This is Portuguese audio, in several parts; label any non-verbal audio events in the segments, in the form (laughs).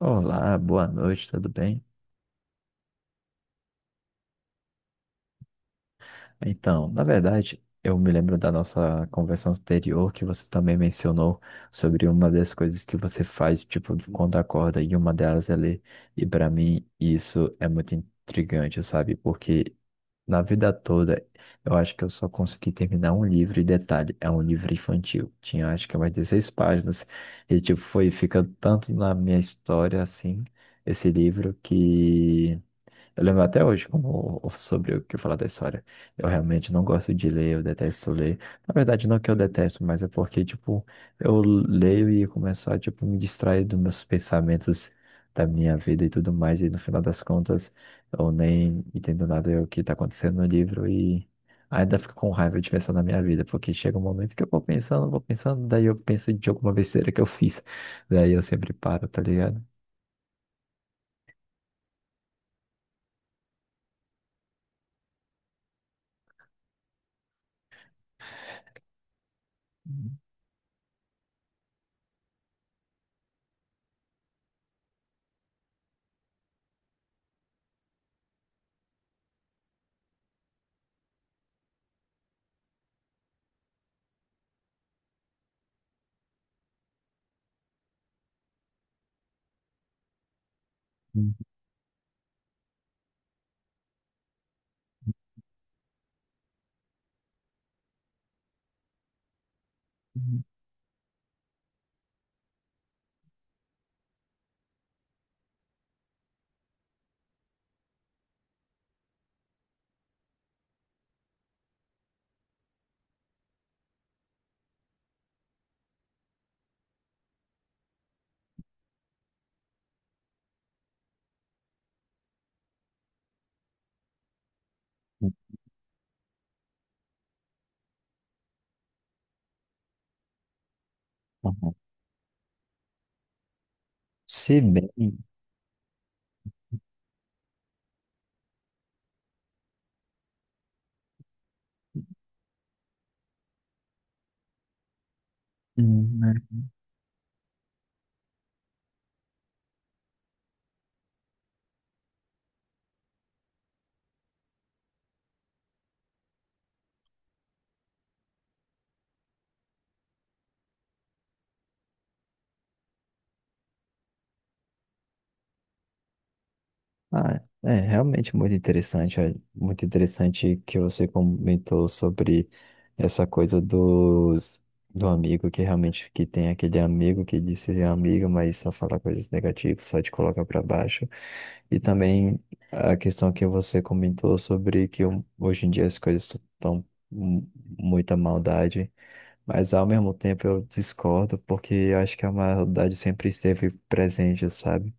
Olá, boa noite, tudo bem? Então, na verdade, eu me lembro da nossa conversa anterior que você também mencionou sobre uma das coisas que você faz, tipo, de quando acorda, e uma delas é ler. E para mim, isso é muito intrigante, sabe? Porque na vida toda, eu acho que eu só consegui terminar um livro, e detalhe, é um livro infantil. Tinha, acho que umas 16 páginas, e, tipo, foi ficando tanto na minha história, assim, esse livro que. Eu lembro até hoje como, sobre o que eu falar da história. Eu realmente não gosto de ler, eu detesto ler. Na verdade, não que eu detesto, mas é porque, tipo, eu leio e começo a, tipo, me distrair dos meus pensamentos da minha vida e tudo mais. E no final das contas, eu nem entendo nada do que tá acontecendo no livro e ainda fico com raiva de pensar na minha vida, porque chega um momento que eu vou pensando, daí eu penso de alguma besteira que eu fiz. Daí eu sempre paro, tá ligado? Uhum. Se bem, Hum, né? Ah, é realmente muito interessante, é muito interessante que você comentou sobre essa coisa dos do amigo que realmente que tem aquele amigo que diz ser amigo, mas só fala coisas negativas, só te coloca para baixo. E também a questão que você comentou sobre que hoje em dia as coisas estão muita maldade, mas ao mesmo tempo eu discordo porque eu acho que a maldade sempre esteve presente, sabe?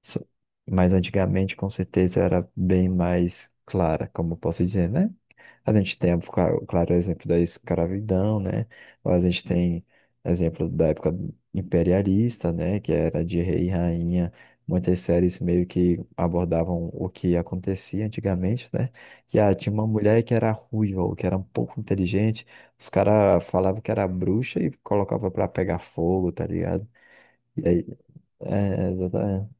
So- Mas antigamente, com certeza, era bem mais clara, como eu posso dizer, né? A gente tem, o claro, o exemplo da escravidão, né? Ou a gente tem exemplo da época imperialista, né? Que era de rei e rainha. Muitas séries meio que abordavam o que acontecia antigamente, né? Que tinha uma mulher que era ruiva ou que era um pouco inteligente. Os caras falavam que era bruxa e colocava pra pegar fogo, tá ligado? E aí, exatamente.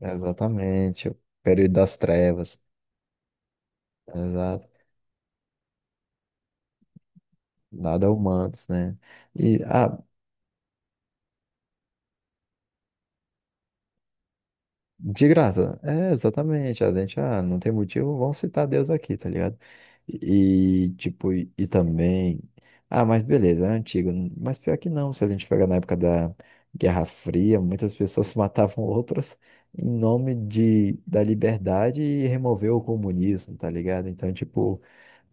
Exatamente, o período das trevas, exato, nada humanos, né? E, de graça, é exatamente, a gente, não tem motivo, vamos citar Deus aqui, tá ligado? E, tipo, e também, mas beleza, é antigo, mas pior que não, se a gente pegar na época da Guerra Fria, muitas pessoas (laughs) matavam outras em nome da liberdade e remover o comunismo, tá ligado? Então, tipo,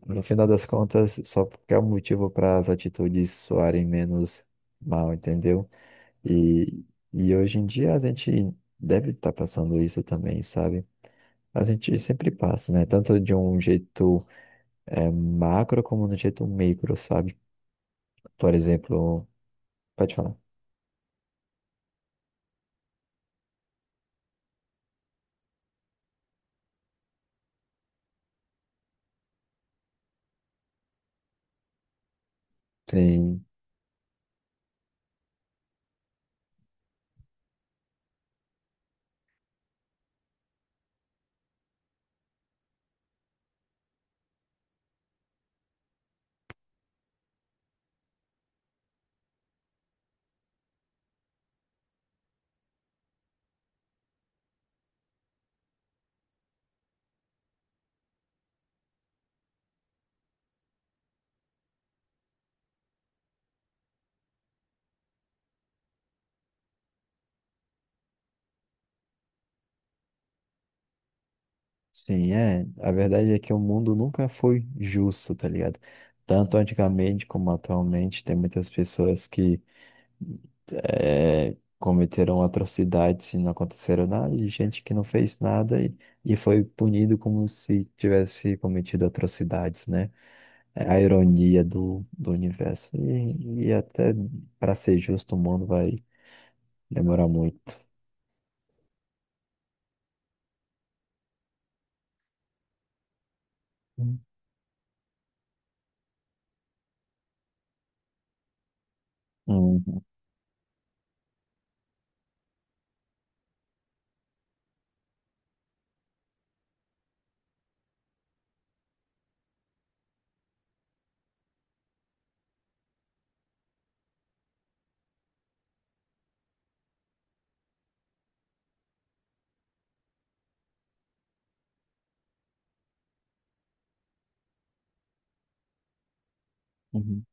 no final das contas, só porque é um motivo para as atitudes soarem menos mal, entendeu? E, e hoje em dia a gente deve estar passando isso também, sabe? A gente sempre passa, né? Tanto de um jeito macro como de um jeito micro, sabe? Por exemplo, pode falar. Sim, sim, é. A verdade é que o mundo nunca foi justo, tá ligado? Tanto antigamente como atualmente, tem muitas pessoas que cometeram atrocidades se não aconteceram nada, de gente que não fez nada e foi punido como se tivesse cometido atrocidades, né? É a ironia do universo. E até para ser justo, o mundo vai demorar muito. Uhum, uhum,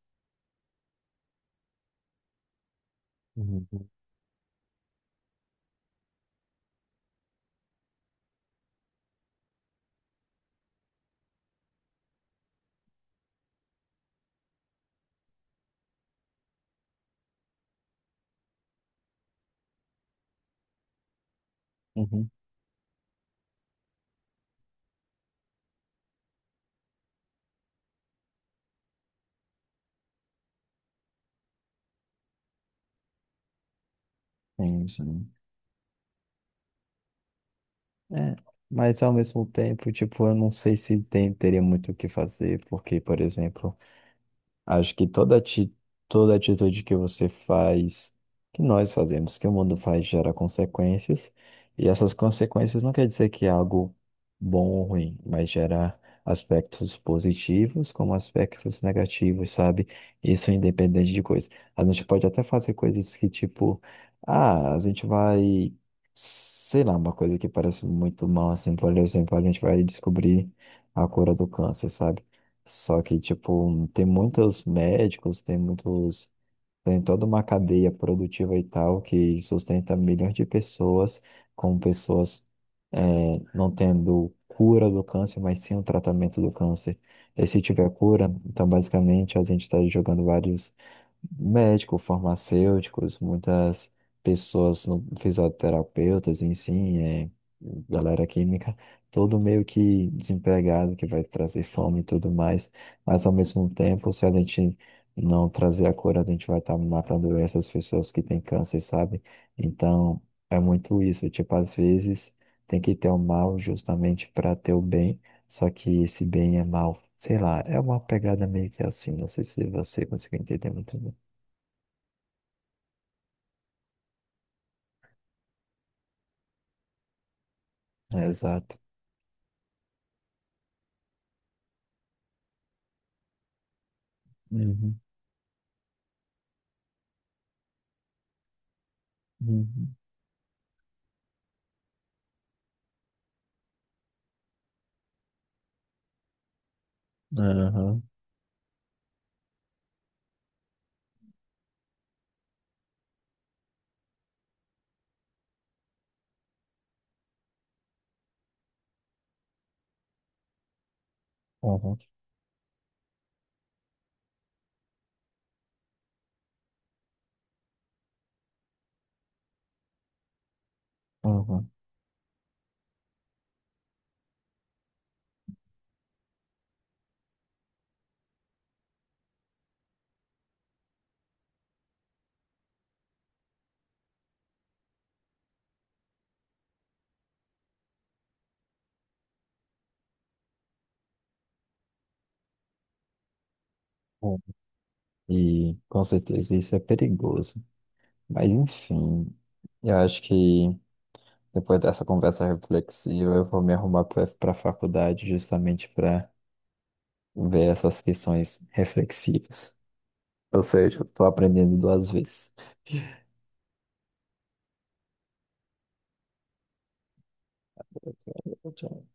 uhum, uhum. Sim, sim. É, mas ao mesmo tempo, tipo, eu não sei se teria muito o que fazer, porque, por exemplo, acho que toda atitude que você faz, que nós fazemos, que o mundo faz, gera consequências. E essas consequências não quer dizer que é algo bom ou ruim, mas gera aspectos positivos como aspectos negativos, sabe? Isso é independente de coisa. A gente pode até fazer coisas que, tipo, a gente vai, sei lá, uma coisa que parece muito mal, assim, por exemplo, a gente vai descobrir a cura do câncer, sabe? Só que, tipo, tem muitos médicos, tem toda uma cadeia produtiva e tal que sustenta milhões de pessoas, com pessoas eh, não tendo cura do câncer, mas sim o tratamento do câncer. E se tiver cura, então basicamente a gente está jogando vários médico, farmacêuticos, muitas pessoas, fisioterapeutas, em si, galera química, todo meio que desempregado, que vai trazer fome e tudo mais, mas ao mesmo tempo, se a gente não trazer a cura, a gente vai estar matando essas pessoas que têm câncer, sabe? Então, é muito isso, tipo, às vezes tem que ter o mal justamente para ter o bem, só que esse bem é mal. Sei lá, é uma pegada meio que assim. Não sei se você conseguiu entender muito. Exato. Uhum, uhum, aham, aham, aham. Bom, e com certeza isso é perigoso. Mas enfim, eu acho que depois dessa conversa reflexiva, eu vou me arrumar para a faculdade justamente para ver essas questões reflexivas. Ou seja, eu estou aprendendo duas vezes. Tchau, tchau.